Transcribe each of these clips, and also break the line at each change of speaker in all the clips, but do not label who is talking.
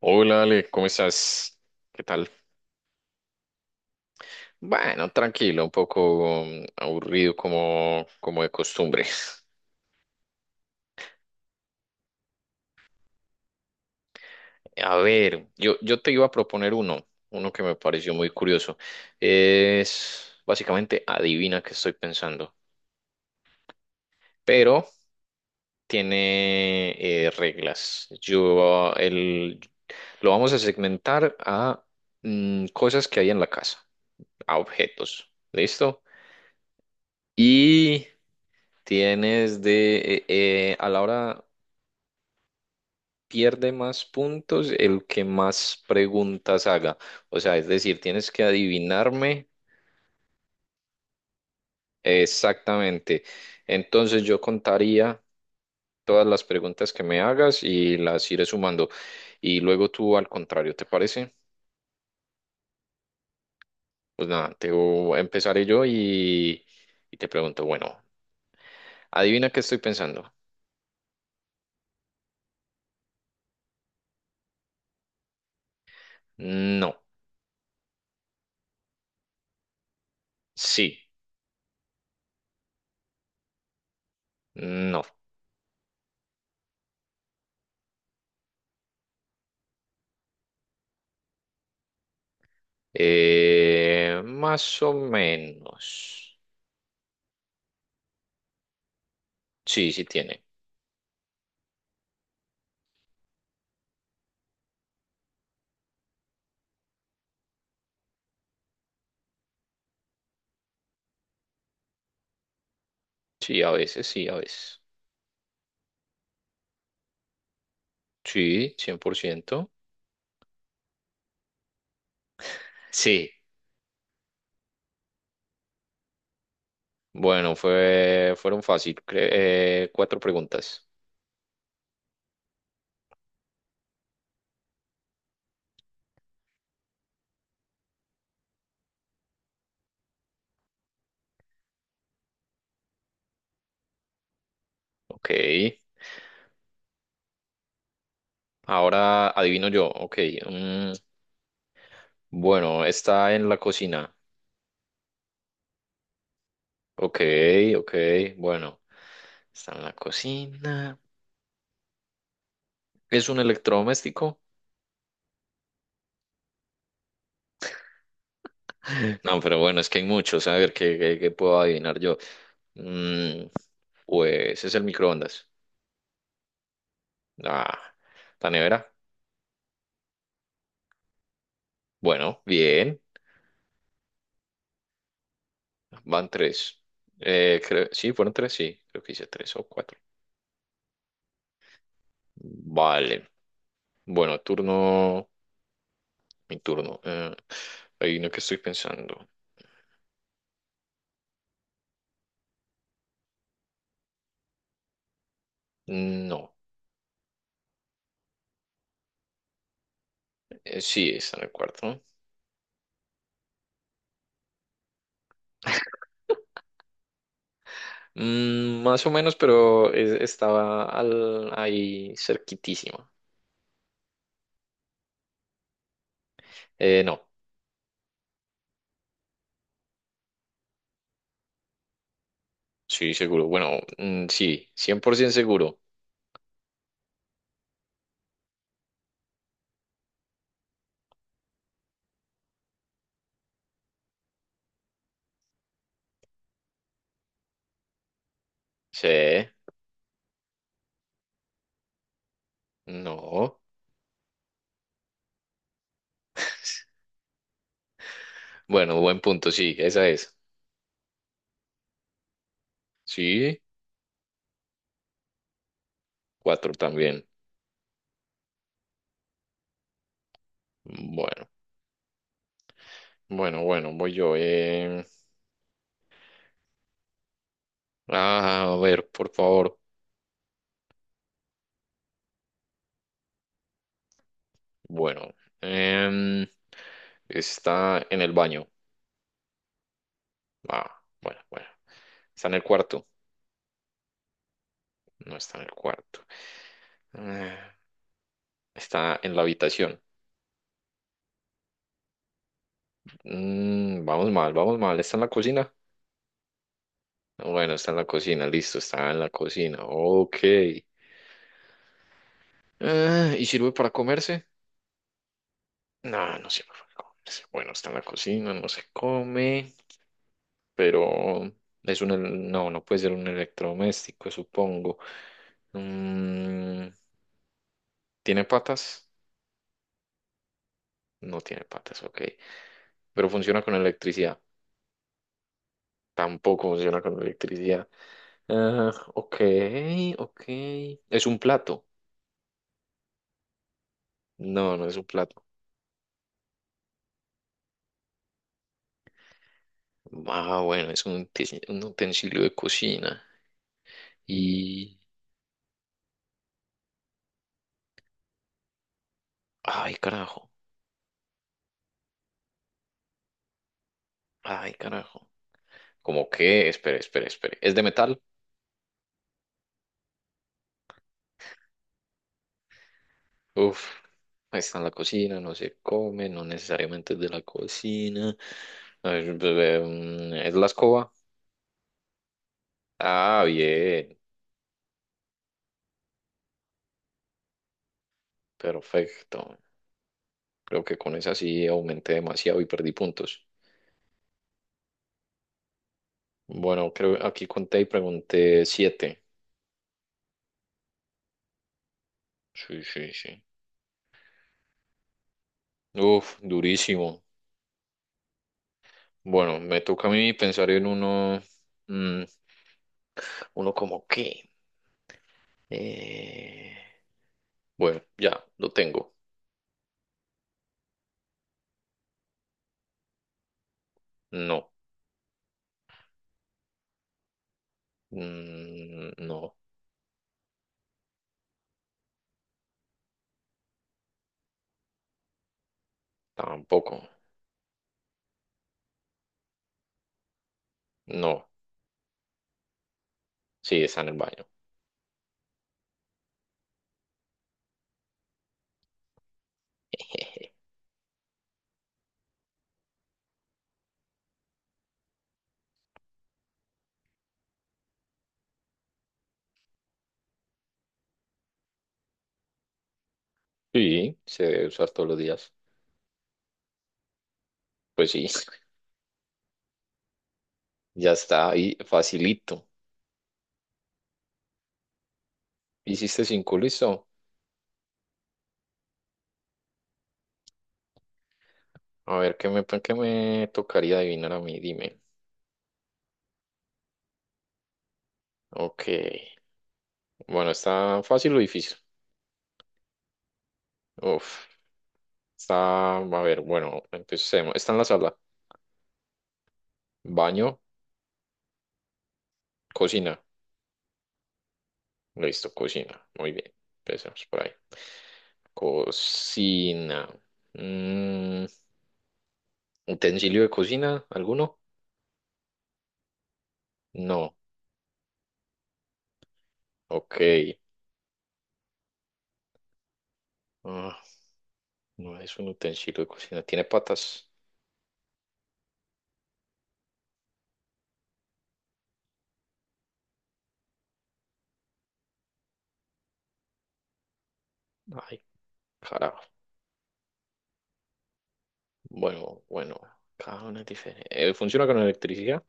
Hola Ale, ¿cómo estás? ¿Qué tal? Bueno, tranquilo, un poco aburrido como de costumbre. A ver, yo te iba a proponer uno que me pareció muy curioso. Es básicamente adivina qué estoy pensando, pero tiene reglas. Lo vamos a segmentar a cosas que hay en la casa, a objetos. ¿Listo? Y tienes a la hora pierde más puntos el que más preguntas haga. O sea, es decir, tienes que adivinarme exactamente. Entonces yo contaría todas las preguntas que me hagas y las iré sumando. Y luego tú al contrario, ¿te parece? Pues nada, te empezaré y te pregunto, bueno, adivina qué estoy pensando. No, sí, no, más o menos. Sí, sí tiene. Sí, a veces, sí, a veces. Sí, 100%. Sí, bueno, fueron fácil, cuatro preguntas. Ok, ahora adivino yo. Ok, mm, bueno, está en la cocina. Ok, ok, bueno, está en la cocina. ¿Es un electrodoméstico? No, pero bueno, es que hay muchos. A ver, ¿qué puedo adivinar yo? Mm, pues es el microondas. Ah, la nevera. Bueno, bien. Van tres. Creo, sí, fueron tres, sí. Creo que hice tres o cuatro. Vale. Bueno, turno. Mi turno. Hay uno que estoy pensando. No. Sí, está en el cuarto. Mm, más o menos, pero ahí cerquitísima. No. Sí, seguro. Bueno, mm, sí. 100% seguro. Sí. No. Bueno, buen punto, sí. Esa es. Sí. Cuatro también. Bueno, bueno, bueno, voy yo. Eh. Ah, a ver, por favor. Bueno, em, está en el baño. Ah, bueno, bueno. Está en el cuarto. No está en el cuarto. Eh, Está en la habitación. Mm, vamos mal, vamos mal. ¿Está en la cocina? Bueno, está en la cocina, listo, está en la cocina. Ok. ¿Y sirve para comerse? No, no sirve para comerse. Bueno, está en la cocina, no se come. Pero no, no puede ser un electrodoméstico, supongo. Mm, ¿tiene patas? No tiene patas, ok. Pero funciona con electricidad. Tampoco funciona con electricidad. Ah, ok, ok. ¿Es un plato? No, no es un plato. Ah, bueno, es un utensilio de cocina. Y... Ay, carajo. Ay, carajo. ¿Cómo que? Espere, espere, espere. ¿Es de metal? Uf, ahí está en la cocina, no se come, no necesariamente es de la cocina. A ver, bebé, mm, ¿es la escoba? Ah, bien, perfecto. Creo que con esa sí aumenté demasiado y perdí puntos. Bueno, creo aquí conté y pregunté siete. Sí, sí, sí. Uf, durísimo. Bueno, me toca a mí pensar en uno, mm, uno como qué. Eh, bueno, ya, lo tengo. No, mm, no, tampoco. No, sí, está en el baño. Sí, se debe usar todos los días. Pues sí, ya está ahí, facilito. Hiciste cinco, listo. A ver, ¿qué me tocaría adivinar a mí? Dime. Ok, bueno, ¿está fácil o difícil? Uf, está, a ver, bueno, empecemos. Está en la sala, baño, cocina. Listo, cocina. Muy bien, empecemos por ahí. Cocina. Mm, ¿utensilio de cocina? ¿Alguno? No, ok. Ah, no es un utensilio de cocina. Tiene patas. Ay, carajo. Bueno, bueno. Cada una es diferente. ¿Funciona con electricidad?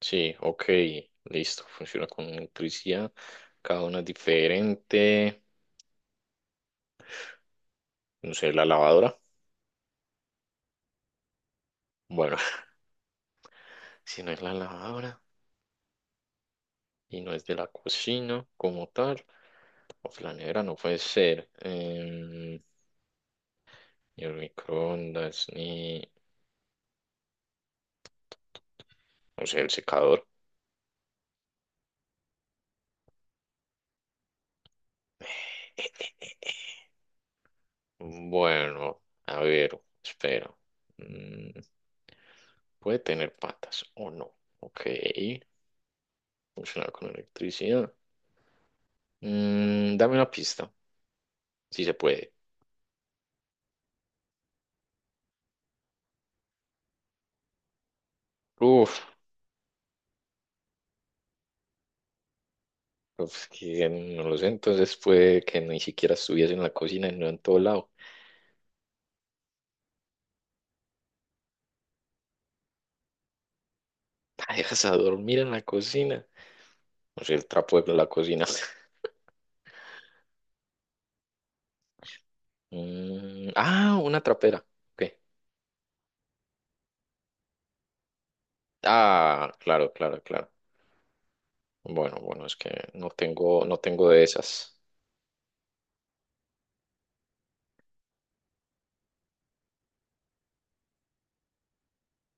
Sí, ok. Listo. Funciona con electricidad. Cada una es diferente. No sé, la lavadora. Bueno, si no es la lavadora y no es de la cocina como tal. O la nevera no puede ser. Em, ni el microondas, ni. No sé, el secador. Bueno, a ver, espera. Mm, puede tener patas o no. Ok. Funciona con electricidad. Mm, dame una pista, si se puede. Uf, pues que no lo sé. Entonces puede que ni siquiera estuviese en la cocina y no en todo lado. La dejas a dormir en la cocina. No sé, el trapo de la cocina. Mm, ah, una trapera. Ok. Ah, claro, claro, claro. Bueno, bueno, es que no tengo de esas.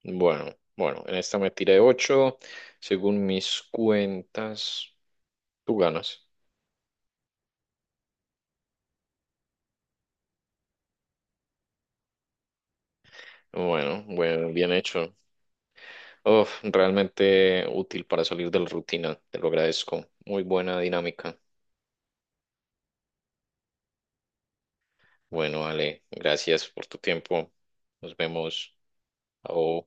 Bueno, bueno, en esta me tiré ocho. Según mis cuentas, tú ganas. Bueno, bueno, bien hecho. Uf, realmente útil para salir de la rutina. Te lo agradezco. Muy buena dinámica. Bueno, Ale, gracias por tu tiempo. Nos vemos. Au.